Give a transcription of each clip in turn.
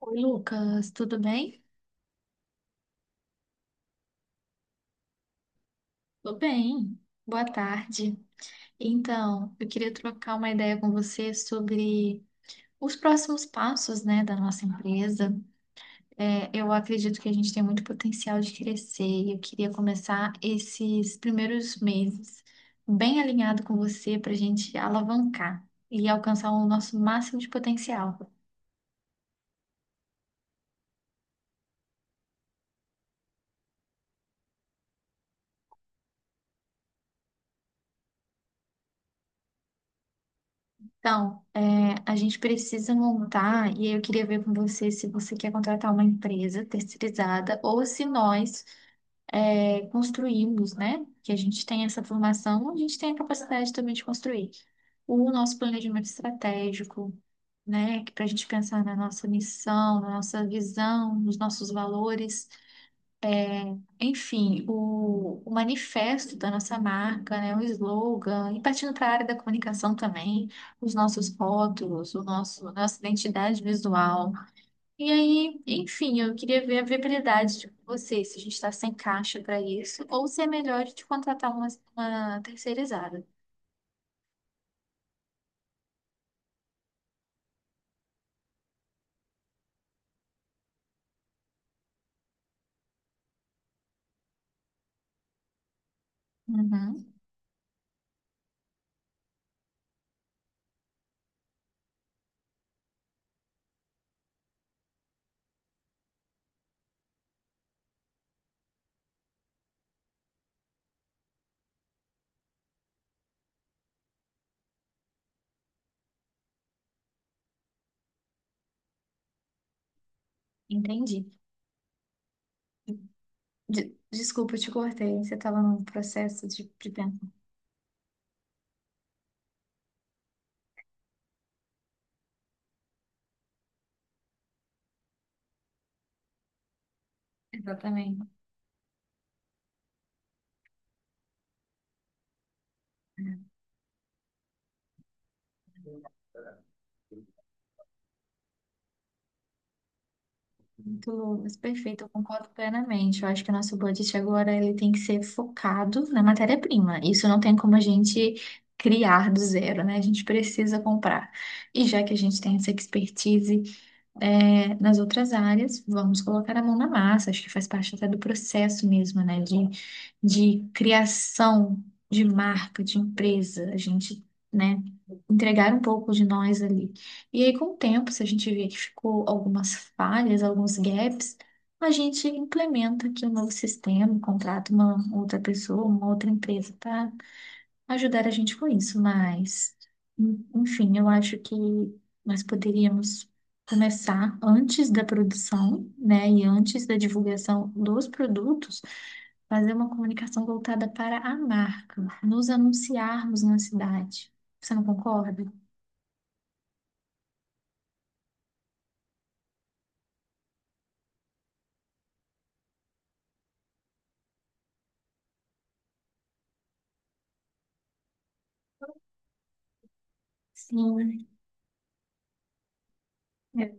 Oi, Lucas, tudo bem? Tô bem. Boa tarde. Então, eu queria trocar uma ideia com você sobre os próximos passos, né, da nossa empresa. Eu acredito que a gente tem muito potencial de crescer e eu queria começar esses primeiros meses bem alinhado com você para a gente alavancar e alcançar o nosso máximo de potencial. Então, a gente precisa montar, e aí eu queria ver com você se você quer contratar uma empresa terceirizada ou se nós construímos, né? Que a gente tem essa formação, a gente tem a capacidade também de construir o nosso planejamento estratégico, né? Para a gente pensar na nossa missão, na nossa visão, nos nossos valores. Enfim, o manifesto da nossa marca, né, o slogan, e partindo para a área da comunicação também, os nossos rótulos, o nosso, nossa identidade visual. E aí, enfim, eu queria ver a viabilidade de você, se a gente está sem caixa para isso, ou se é melhor de contratar uma terceirizada. Uhum, entendi. Desculpa, eu te cortei, você estava num processo de pensar. Exatamente. Muito, Lucas, perfeito, eu concordo plenamente. Eu acho que o nosso budget agora ele tem que ser focado na matéria-prima. Isso não tem como a gente criar do zero, né? A gente precisa comprar. E já que a gente tem essa expertise, nas outras áreas, vamos colocar a mão na massa, acho que faz parte até do processo mesmo, né, de criação de marca, de empresa, a gente, né, entregar um pouco de nós ali. E aí, com o tempo, se a gente vê que ficou algumas falhas, alguns gaps, a gente implementa aqui um novo sistema, contrata uma outra pessoa, uma outra empresa para ajudar a gente com isso, mas, enfim, eu acho que nós poderíamos começar antes da produção, né, e antes da divulgação dos produtos, fazer uma comunicação voltada para a marca, nos anunciarmos na cidade. Você não concorda? Sim. É,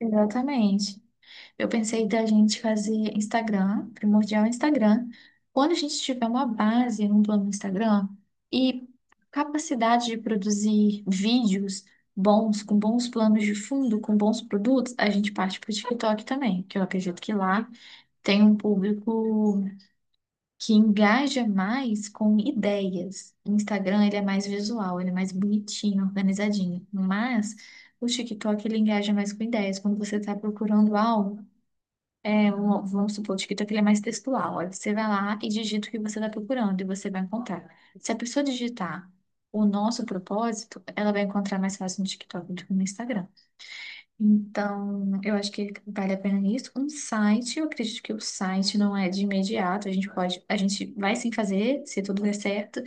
exatamente. Eu pensei da gente fazer Instagram, primordial Instagram. Quando a gente tiver uma base, um plano no Instagram e capacidade de produzir vídeos bons, com bons planos de fundo, com bons produtos, a gente parte para o TikTok também, que eu acredito que lá tem um público que engaja mais com ideias. O Instagram, ele é mais visual, ele é mais bonitinho, organizadinho, mas o TikTok, ele engaja mais com ideias. Quando você está procurando algo, vamos supor, o TikTok ele é mais textual. Aí você vai lá e digita o que você está procurando e você vai encontrar. Se a pessoa digitar o nosso propósito, ela vai encontrar mais fácil no TikTok do que no Instagram. Então, eu acho que vale a pena isso. Um site, eu acredito que o site não é de imediato. A gente pode, a gente vai sim fazer, se tudo der certo,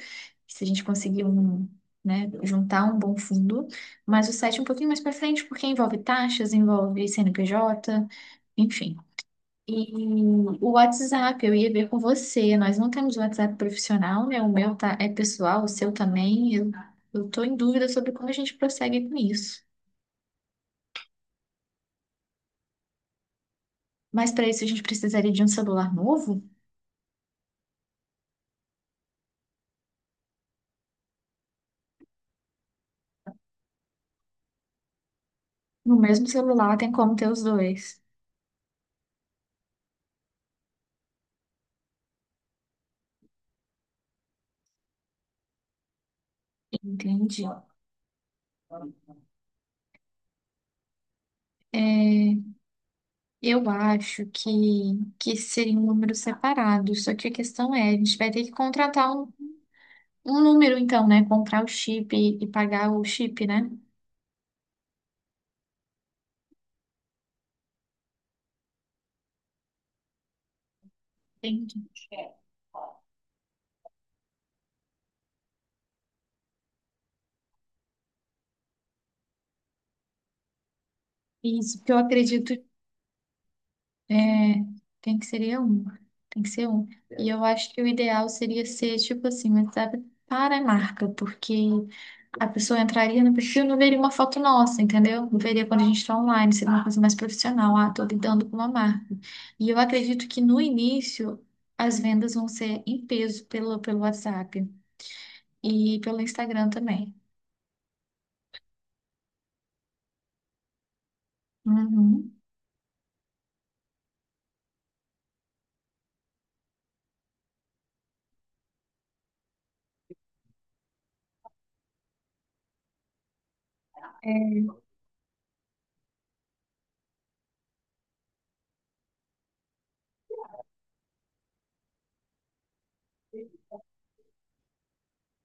se a gente conseguir um, né, juntar um bom fundo. Mas o site é um pouquinho mais para frente, porque envolve taxas, envolve CNPJ, enfim. E o WhatsApp, eu ia ver com você. Nós não temos WhatsApp profissional, né? O meu tá, é pessoal, o seu também. Eu tô em dúvida sobre como a gente prossegue com isso. Mas para isso a gente precisaria de um celular novo? No mesmo celular tem como ter os dois. Entendi. É, eu acho que seria um número separado. Só que a questão é, a gente vai ter que contratar um, um número, então, né? Comprar o chip e pagar o chip, né? Entendi. Isso, porque eu acredito. É, tem que ser um, tem que ser um. E eu acho que o ideal seria ser, tipo assim, um WhatsApp para a marca, porque a pessoa entraria no perfil e não veria uma foto nossa, entendeu? Não veria quando a gente está online, seria uma coisa mais profissional. Ah, tô lidando com uma marca. E eu acredito que no início as vendas vão ser em peso pelo, pelo WhatsApp e pelo Instagram também. Uhum.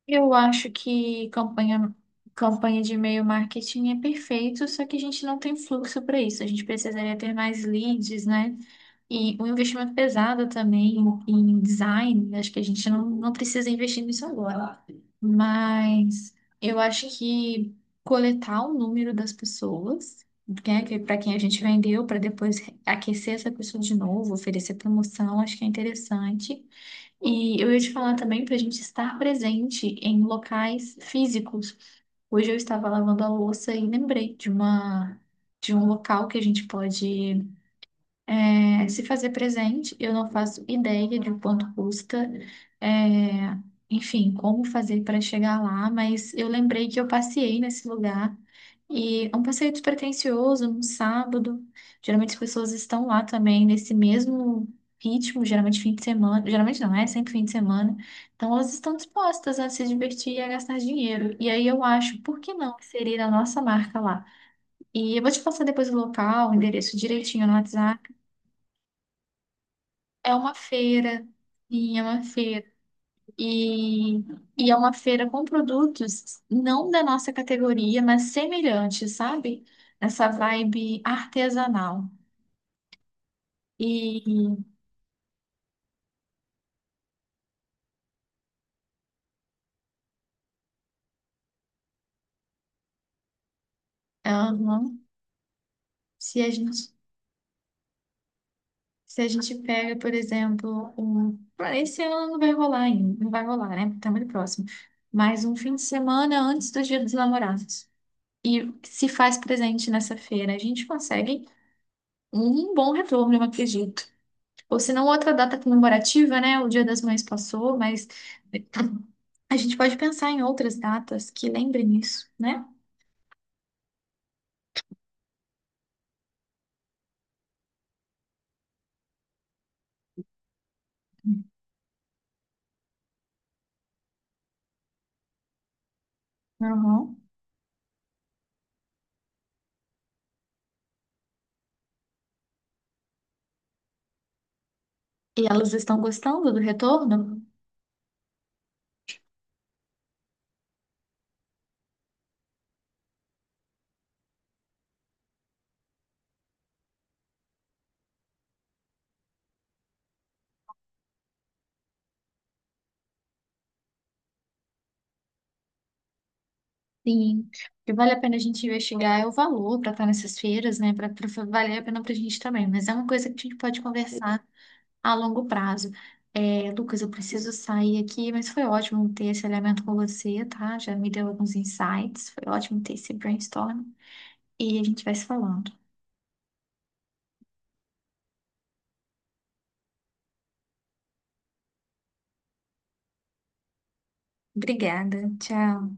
Eu acho que campanha, campanha de e-mail marketing é perfeito, só que a gente não tem fluxo para isso. A gente precisaria ter mais leads, né? E um investimento pesado também em design. Acho que a gente não, não precisa investir nisso agora. Mas eu acho que coletar o número das pessoas, né, que para quem a gente vendeu, para depois aquecer essa pessoa de novo, oferecer promoção, acho que é interessante. E eu ia te falar também para a gente estar presente em locais físicos. Hoje eu estava lavando a louça e lembrei de uma de um local que a gente pode se fazer presente, eu não faço ideia de quanto custa, é, enfim, como fazer para chegar lá, mas eu lembrei que eu passeei nesse lugar e é um passeio despretensioso, num sábado. Geralmente as pessoas estão lá também nesse mesmo ritmo, geralmente fim de semana, geralmente não é, sempre fim de semana. Então elas estão dispostas a se divertir e a gastar dinheiro. E aí eu acho, por que não inserir a nossa marca lá? E eu vou te passar depois o local, o endereço direitinho no WhatsApp. É uma feira, sim, é uma feira. E, e é uma feira com produtos não da nossa categoria, mas semelhantes, sabe? Essa vibe artesanal. E aham, se a gente, se a gente pega, por exemplo, um, ah, esse ano não vai rolar ainda, não vai rolar, né? Porque tá muito próximo. Mas um fim de semana antes do Dia dos Namorados. E se faz presente nessa feira, a gente consegue um bom retorno, eu acredito. Ou se não, outra data comemorativa, né? O Dia das Mães passou, mas a gente pode pensar em outras datas que lembrem isso, né? Uhum. E elas estão gostando do retorno? Sim. E vale a pena a gente investigar é o valor para estar nessas feiras, né? Para valer a pena para a gente também. Mas é uma coisa que a gente pode conversar a longo prazo. É, Lucas, eu preciso sair aqui, mas foi ótimo ter esse elemento com você, tá? Já me deu alguns insights. Foi ótimo ter esse brainstorm. E a gente vai se falando. Obrigada. Tchau.